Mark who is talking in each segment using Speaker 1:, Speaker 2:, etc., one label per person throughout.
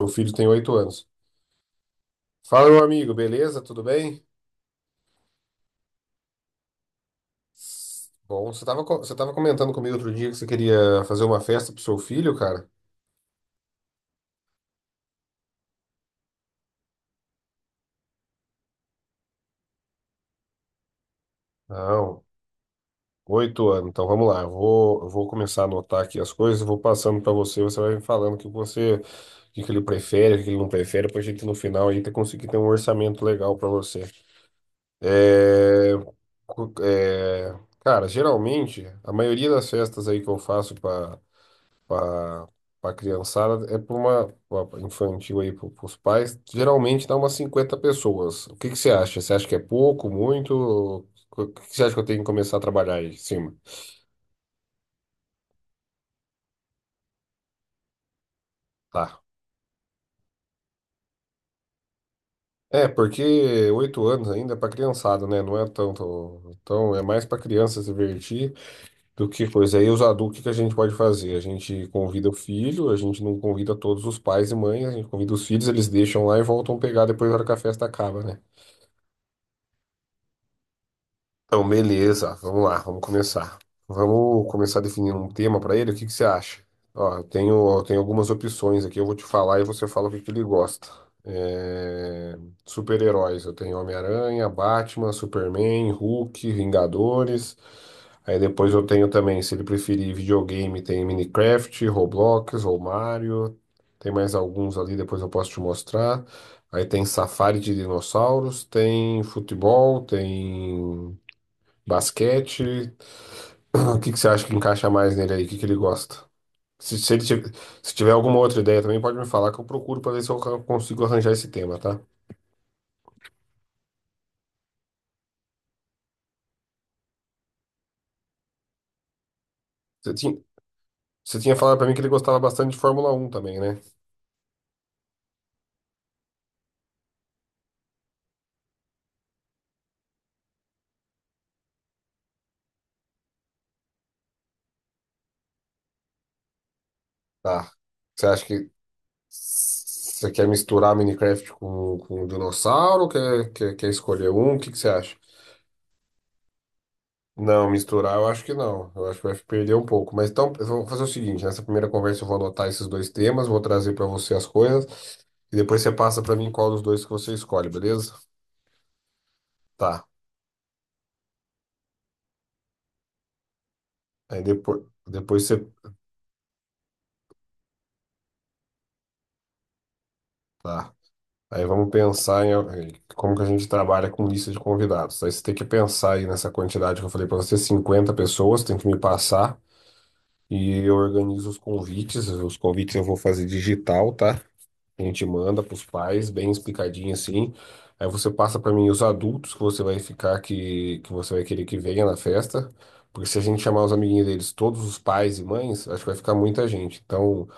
Speaker 1: Meu filho tem oito anos. Fala, meu amigo, beleza? Tudo bem? Bom, você tava comentando comigo outro dia que você queria fazer uma festa pro seu filho, cara? Não, oito anos. Então vamos lá, eu vou começar a anotar aqui as coisas, eu vou passando para você, você vai me falando o que você, o que que ele prefere, o que que ele não prefere, pra gente no final aí conseguir ter um orçamento legal para você. É, cara, geralmente, a maioria das festas aí que eu faço para a criançada, é para uma pra infantil aí, para os pais, geralmente dá umas 50 pessoas. O que que você acha? Você acha que é pouco, muito? O que que você acha que eu tenho que começar a trabalhar aí em cima? Tá. É, porque oito anos ainda é para criançada, né? Não é tanto. Então, é mais para criança se divertir do que coisa. Aí, os adultos, o que que a gente pode fazer? A gente convida o filho, a gente não convida todos os pais e mães, a gente convida os filhos, eles deixam lá e voltam pegar depois na hora que a festa acaba, né? Então, beleza, vamos lá, vamos começar. Vamos começar definindo um tema para ele, o que que você acha? Ó, eu tenho algumas opções aqui, eu vou te falar e você fala o que que ele gosta. É, Super-heróis, eu tenho Homem-Aranha, Batman, Superman, Hulk, Vingadores. Aí depois eu tenho também, se ele preferir videogame, tem Minecraft, Roblox ou Mario. Tem mais alguns ali, depois eu posso te mostrar. Aí tem Safari de dinossauros, tem futebol, tem basquete. O que que você acha que encaixa mais nele aí? O que que ele gosta? Se ele tiver, se tiver alguma outra ideia também, pode me falar que eu procuro pra ver se eu consigo arranjar esse tema, tá? Você tinha, você tinha falado pra mim que ele gostava bastante de Fórmula um também, né? Tá. Você acha que você quer misturar Minecraft com dinossauro? Quer escolher um? O que que você acha? Não, misturar eu acho que não. Eu acho que vai perder um pouco. Mas então, eu vou fazer o seguinte: nessa primeira conversa eu vou anotar esses dois temas, vou trazer para você as coisas, e depois você passa para mim qual dos dois que você escolhe, beleza? Tá. Aí depois, depois você. Tá. Aí vamos pensar em como que a gente trabalha com lista de convidados. Aí você tem que pensar aí nessa quantidade que eu falei para você: cinquenta pessoas, tem que me passar, e eu organizo os convites. Os convites eu vou fazer digital, tá? A gente manda para os pais, bem explicadinho assim. Aí você passa para mim os adultos que você vai ficar, que você vai querer que venha na festa. Porque se a gente chamar os amiguinhos deles, todos os pais e mães, acho que vai ficar muita gente. Então,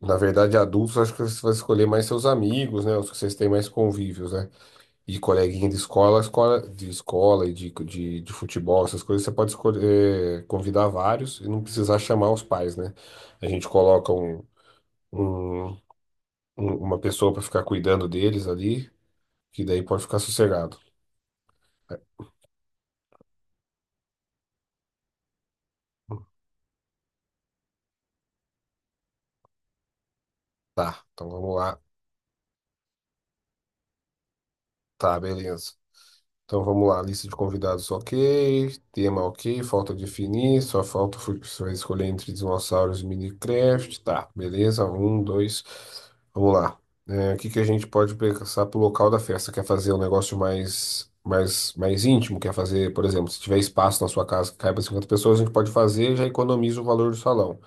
Speaker 1: na verdade, adultos, acho que você vai escolher mais seus amigos, né? Os que vocês têm mais convívios, né? E coleguinha de escola, e de futebol, essas coisas, você pode escolher, convidar vários e não precisar chamar os pais, né? A gente coloca um. Um- um- uma pessoa pra ficar cuidando deles ali, que daí pode ficar sossegado. Tá, então vamos lá. Tá, beleza. Então vamos lá, lista de convidados ok, tema ok, falta definir, só falta você vai escolher entre dinossauros e Minecraft. Tá, beleza, um, dois, vamos lá. É, o que que a gente pode pensar pro local da festa? Quer fazer um negócio mais íntimo? Quer fazer, por exemplo, se tiver espaço na sua casa que caiba 50 pessoas, a gente pode fazer, já economiza o valor do salão.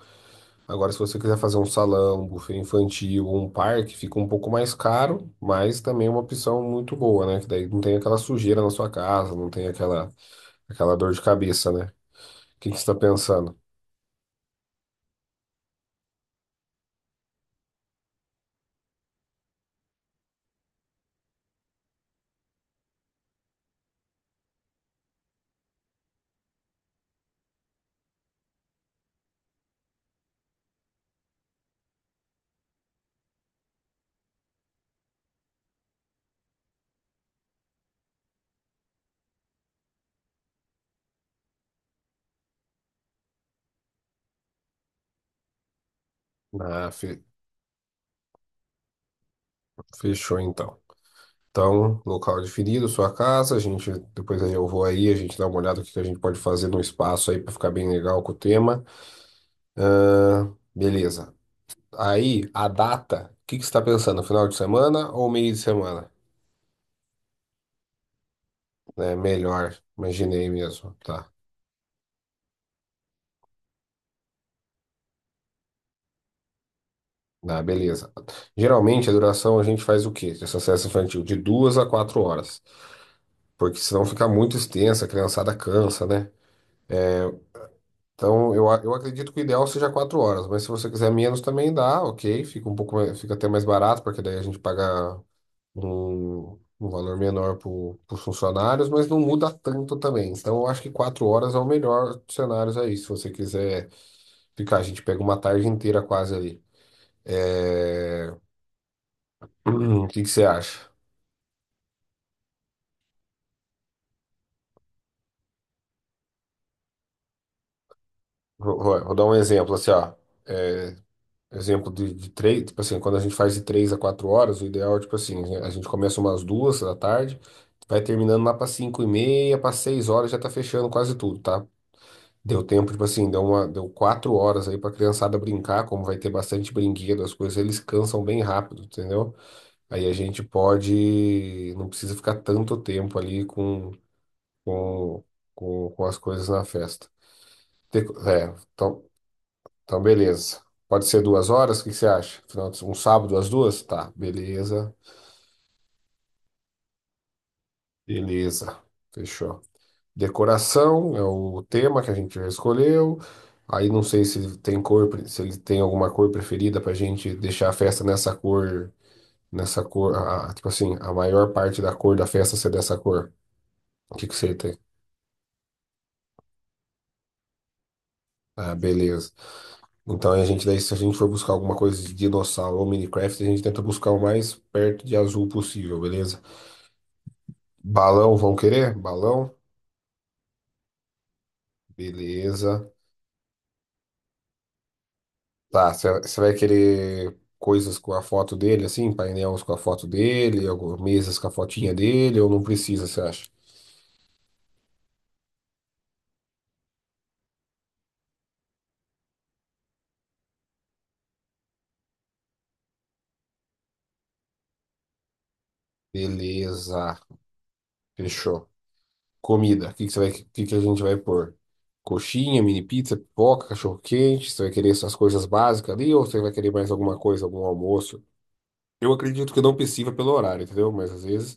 Speaker 1: Agora, se você quiser fazer um salão, um buffet infantil ou um parque, fica um pouco mais caro, mas também é uma opção muito boa, né? Que daí não tem aquela sujeira na sua casa, não tem aquela, aquela dor de cabeça, né? O que que você está pensando? Ah, fe- fechou então. Então, local definido, sua casa, a gente, depois aí eu vou aí, a gente dá uma olhada o que que a gente pode fazer no espaço aí para ficar bem legal com o tema. Ah, beleza. Aí, a data, o que que você está pensando? Final de semana ou meio de semana? É melhor, imaginei mesmo. Tá. Ah, beleza. Geralmente a duração a gente faz o quê? Dessa sessão infantil? De duas a quatro horas. Porque senão fica muito extensa, a criançada cansa, né? Eu acredito que o ideal seja quatro horas, mas se você quiser menos também dá, ok. Fica até mais barato, porque daí a gente paga um valor menor para os funcionários, mas não muda tanto também. Então eu acho que quatro horas é o melhor cenário aí, se você quiser ficar, a gente pega uma tarde inteira quase ali. É, O que que você acha? Vou dar um exemplo assim, ó. É, Exemplo de três, tipo assim, quando a gente faz de três a quatro horas, o ideal é, tipo assim, a gente começa umas duas da tarde, vai terminando lá para cinco e meia, para seis horas já tá fechando quase tudo, tá? Deu tempo, tipo assim, deu quatro horas aí pra criançada brincar, como vai ter bastante brinquedo, as coisas, eles cansam bem rápido, entendeu? Aí a gente pode, não precisa ficar tanto tempo ali com, com as coisas na festa. Tem co- É, então, então beleza. Pode ser duas horas, o que que você acha? Um sábado às duas? Tá, beleza. Fechou. Decoração é o tema que a gente já escolheu. Aí não sei se tem se ele tem alguma cor preferida pra gente deixar a festa nessa cor, tipo assim, a maior parte da cor da festa ser dessa cor. O que que você tem? Ah, beleza. Então a gente daí, se a gente for buscar alguma coisa de dinossauro ou Minecraft, a gente tenta buscar o mais perto de azul possível, beleza? Balão, vão querer? Balão? Beleza. Tá, você vai querer coisas com a foto dele, assim, painéis com a foto dele, algumas mesas com a fotinha dele, ou não precisa, você acha? Beleza, fechou. Comida. O que que a gente vai pôr? Coxinha, mini pizza, pipoca, cachorro quente. Você vai querer essas coisas básicas ali ou você vai querer mais alguma coisa, algum almoço? Eu acredito que eu não precisa pelo horário, entendeu? Mas às vezes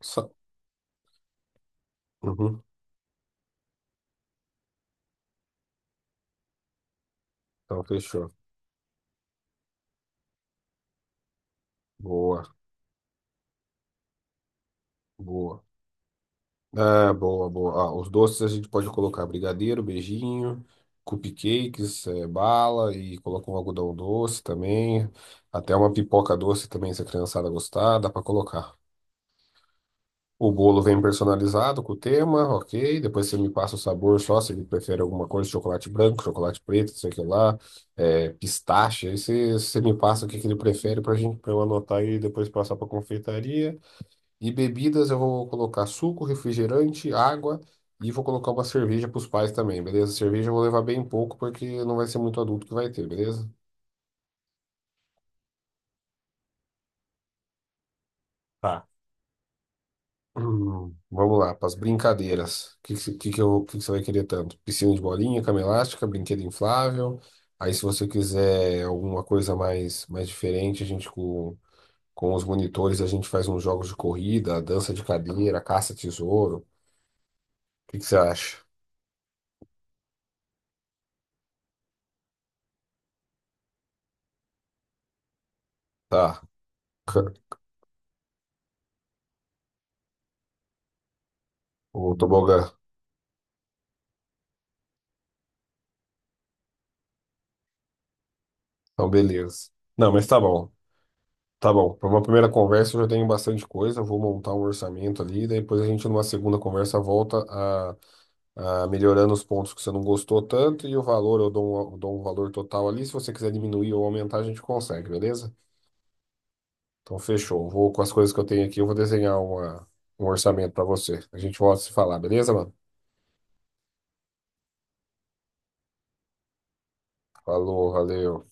Speaker 1: só. Uhum. Então, fechou. Boa, boa. Ah, boa, boa. Ah, os doces a gente pode colocar brigadeiro, beijinho, cupcakes, bala e coloca um algodão doce também. Até uma pipoca doce também, se a criançada gostar, dá pra colocar. O bolo vem personalizado com o tema, ok. Depois você me passa o sabor só, se ele prefere alguma coisa, chocolate branco, chocolate preto, não sei o que lá, pistache. Você me passa o que ele prefere para gente, para eu anotar aí e depois passar para confeitaria. E bebidas eu vou colocar suco, refrigerante, água e vou colocar uma cerveja para os pais também, beleza? Cerveja eu vou levar bem pouco porque não vai ser muito adulto que vai ter, beleza? Tá. Vamos lá, para as brincadeiras. O que, que, eu, que você vai querer tanto? Piscina de bolinha, cama elástica, brinquedo inflável. Aí, se você quiser alguma coisa mais diferente, com os monitores, a gente faz uns jogos de corrida, dança de cadeira, caça-tesouro. O que você acha? Tá, c- o tobogã. Então, beleza. Não, mas tá bom. Tá bom. Para uma primeira conversa, eu já tenho bastante coisa. Eu vou montar um orçamento ali. Daí depois, a gente, numa segunda conversa, volta melhorando os pontos que você não gostou tanto e o valor, eu dou um valor total ali. Se você quiser diminuir ou aumentar, a gente consegue, beleza? Então, fechou. Vou com as coisas que eu tenho aqui, eu vou desenhar uma, um orçamento para você. A gente volta a se falar, beleza, mano? Falou, valeu.